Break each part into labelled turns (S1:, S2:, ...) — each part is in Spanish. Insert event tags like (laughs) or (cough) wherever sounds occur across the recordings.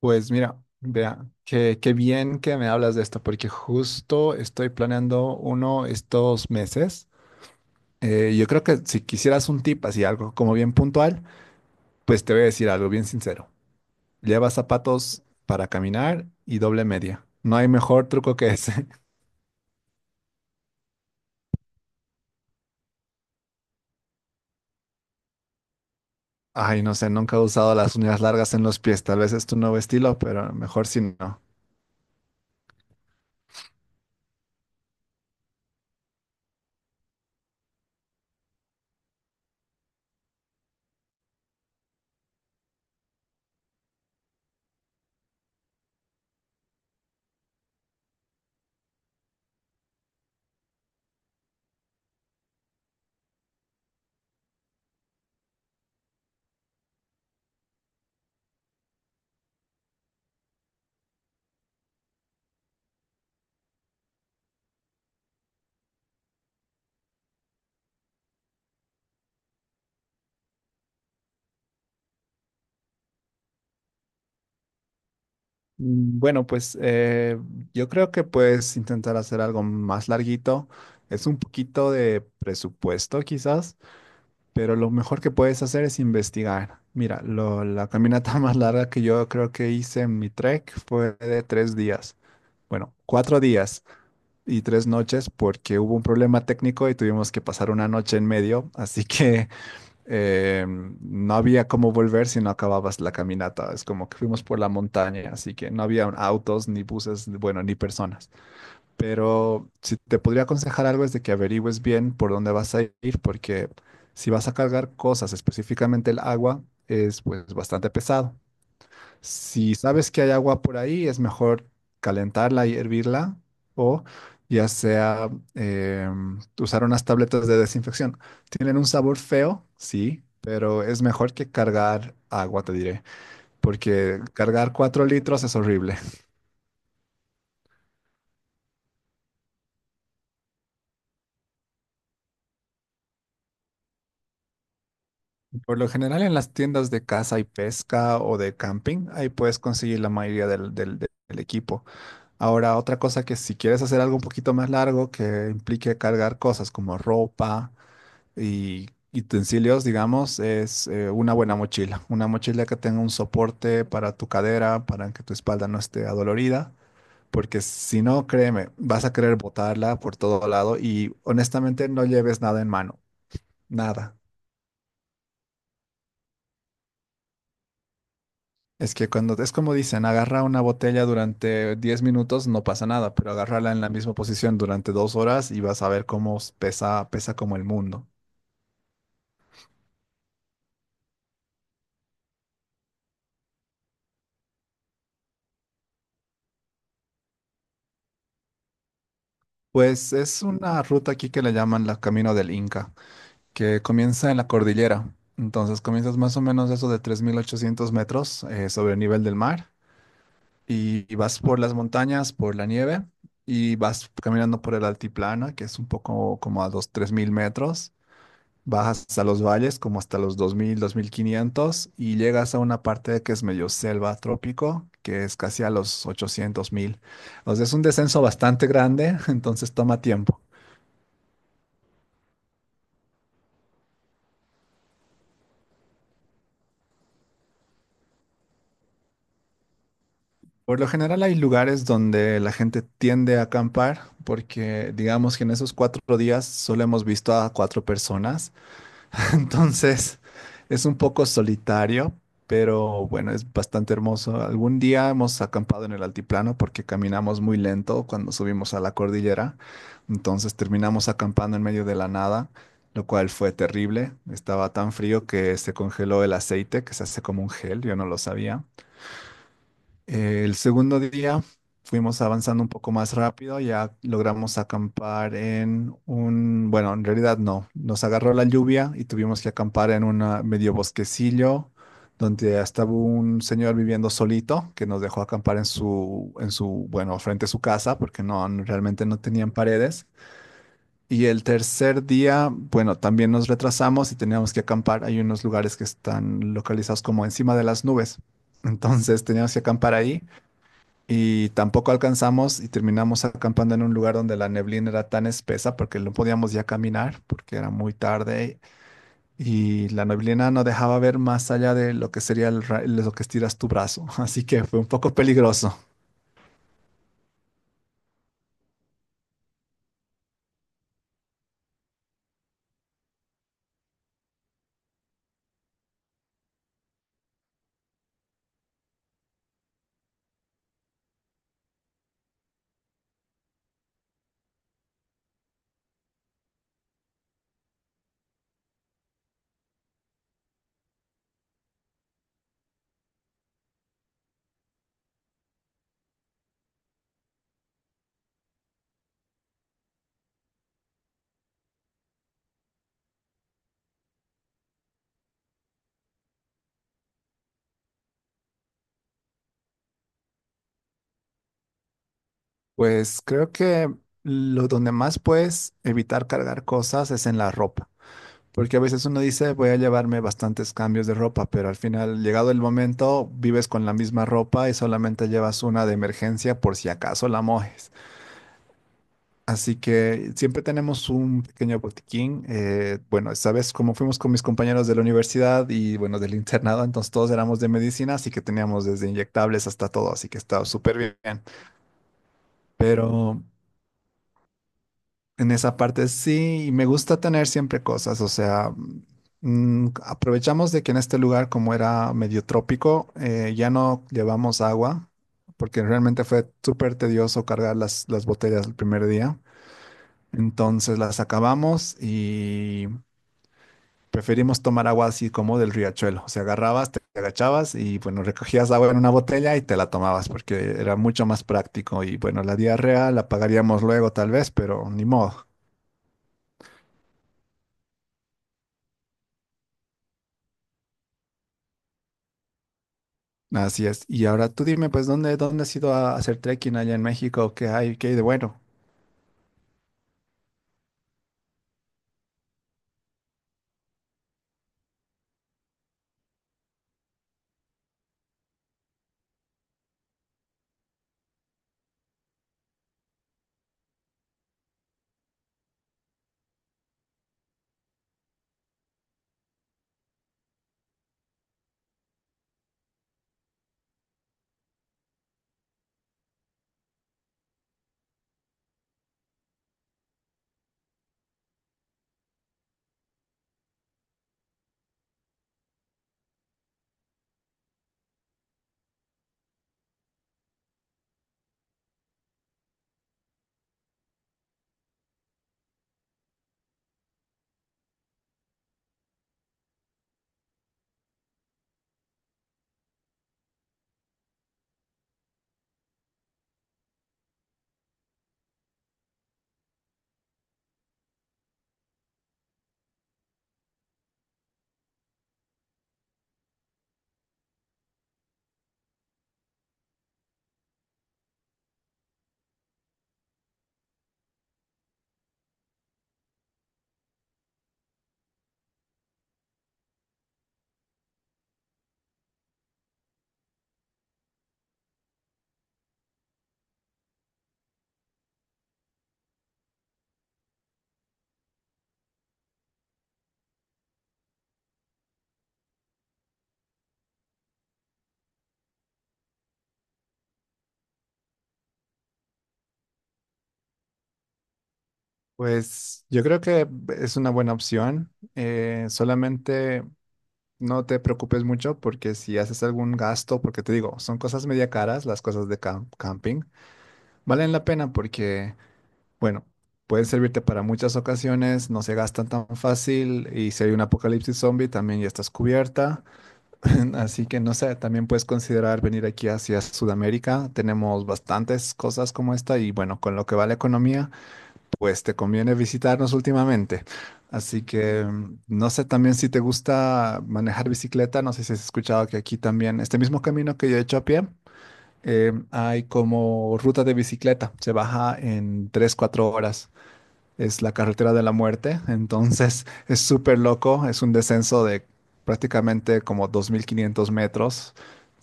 S1: Pues mira, vea, qué bien que me hablas de esto, porque justo estoy planeando uno estos meses. Yo creo que si quisieras un tip así, algo como bien puntual, pues te voy a decir algo bien sincero. Lleva zapatos para caminar y doble media. No hay mejor truco que ese. (laughs) Ay, no sé, nunca he usado las uñas largas en los pies. Tal vez es tu nuevo estilo, pero mejor si no. Bueno, pues yo creo que puedes intentar hacer algo más larguito. Es un poquito de presupuesto quizás, pero lo mejor que puedes hacer es investigar. Mira, la caminata (laughs) más larga que yo creo que hice en mi trek fue de 3 días. Bueno, 4 días y 3 noches porque hubo un problema técnico y tuvimos que pasar una noche en medio. Así que no había cómo volver si no acababas la caminata. Es como que fuimos por la montaña, así que no había autos, ni buses, bueno, ni personas. Pero si te podría aconsejar algo es de que averigües bien por dónde vas a ir, porque si vas a cargar cosas, específicamente el agua, es pues bastante pesado. Si sabes que hay agua por ahí, es mejor calentarla y hervirla o ya sea eh, usar unas tabletas de desinfección. Tienen un sabor feo, sí, pero es mejor que cargar agua, te diré, porque cargar 4 litros es horrible. Por lo general en las tiendas de caza y pesca o de camping, ahí puedes conseguir la mayoría del equipo. Ahora, otra cosa que si quieres hacer algo un poquito más largo que implique cargar cosas como ropa y utensilios, digamos, es una buena mochila. Una mochila que tenga un soporte para tu cadera, para que tu espalda no esté adolorida. Porque si no, créeme, vas a querer botarla por todo lado y honestamente no lleves nada en mano. Nada. Es que cuando es como dicen, agarra una botella durante 10 minutos, no pasa nada, pero agarrarla en la misma posición durante 2 horas y vas a ver cómo pesa, pesa como el mundo. Pues es una ruta aquí que le llaman la Camino del Inca, que comienza en la cordillera. Entonces comienzas más o menos eso de 3.800 metros sobre el nivel del mar y vas por las montañas, por la nieve y vas caminando por el altiplano, que es un poco como a los 3.000 metros. Bajas hasta los valles, como hasta los 2.000, 2.500 y llegas a una parte que es medio selva trópico, que es casi a los 800.000. O sea, es un descenso bastante grande, (laughs) entonces toma tiempo. Por lo general hay lugares donde la gente tiende a acampar porque digamos que en esos 4 días solo hemos visto a 4 personas, (laughs) entonces es un poco solitario, pero bueno, es bastante hermoso. Algún día hemos acampado en el altiplano porque caminamos muy lento cuando subimos a la cordillera, entonces terminamos acampando en medio de la nada, lo cual fue terrible. Estaba tan frío que se congeló el aceite, que se hace como un gel, yo no lo sabía. El segundo día fuimos avanzando un poco más rápido, ya logramos acampar en un, bueno, en realidad no, nos agarró la lluvia y tuvimos que acampar en un medio bosquecillo donde estaba un señor viviendo solito que nos dejó acampar en su, bueno, frente a su casa porque realmente no tenían paredes. Y el tercer día, bueno, también nos retrasamos y teníamos que acampar. Hay unos lugares que están localizados como encima de las nubes. Entonces teníamos que acampar ahí y tampoco alcanzamos y terminamos acampando en un lugar donde la neblina era tan espesa porque no podíamos ya caminar porque era muy tarde y la neblina no dejaba ver más allá de lo que sería el lo que estiras tu brazo. (laughs) Así que fue un poco peligroso. Pues creo que lo donde más puedes evitar cargar cosas es en la ropa. Porque a veces uno dice, voy a llevarme bastantes cambios de ropa, pero al final, llegado el momento, vives con la misma ropa y solamente llevas una de emergencia por si acaso la mojes. Así que siempre tenemos un pequeño botiquín. Bueno, esta vez como fuimos con mis compañeros de la universidad y bueno, del internado, entonces todos éramos de medicina, así que teníamos desde inyectables hasta todo, así que estaba súper bien. Pero en esa parte sí, y me gusta tener siempre cosas, o sea, aprovechamos de que en este lugar, como era medio trópico, ya no llevamos agua, porque realmente fue súper tedioso cargar las botellas el primer día. Entonces las acabamos y preferimos tomar agua así como del riachuelo. O sea, agarrabas, te agachabas y bueno, recogías agua en una botella y te la tomabas porque era mucho más práctico. Y bueno, la diarrea la pagaríamos luego tal vez, pero ni modo. Así es. Y ahora tú dime, pues, ¿dónde has ido a hacer trekking allá en México? ¿Qué hay de bueno? Pues yo creo que es una buena opción. Solamente no te preocupes mucho porque si haces algún gasto, porque te digo, son cosas media caras, las cosas de camping, valen la pena porque, bueno, pueden servirte para muchas ocasiones, no se gastan tan fácil y si hay un apocalipsis zombie también ya estás cubierta. (laughs) Así que no sé, también puedes considerar venir aquí hacia Sudamérica. Tenemos bastantes cosas como esta y bueno, con lo que va la economía. Pues te conviene visitarnos últimamente. Así que no sé también si te gusta manejar bicicleta. No sé si has escuchado que aquí también, este mismo camino que yo he hecho a pie, hay como ruta de bicicleta. Se baja en tres cuatro horas. Es la carretera de la muerte. Entonces (laughs) es súper loco. Es un descenso de prácticamente como 2.500 metros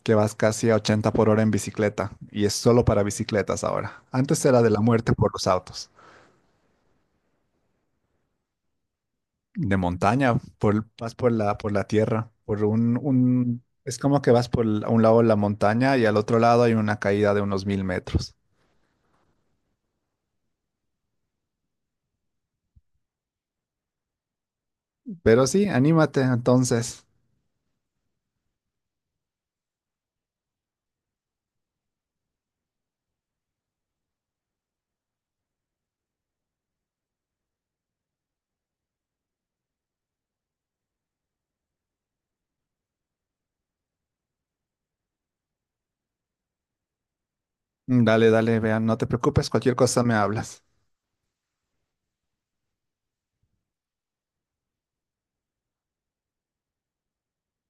S1: que vas casi a 80 por hora en bicicleta. Y es solo para bicicletas ahora. Antes era de la muerte por los autos. De montaña, por, vas por la tierra, por es como que vas por a un lado la montaña y al otro lado hay una caída de unos 1.000 metros. Pero sí, anímate entonces. Dale, dale, vean, no te preocupes, cualquier cosa me hablas.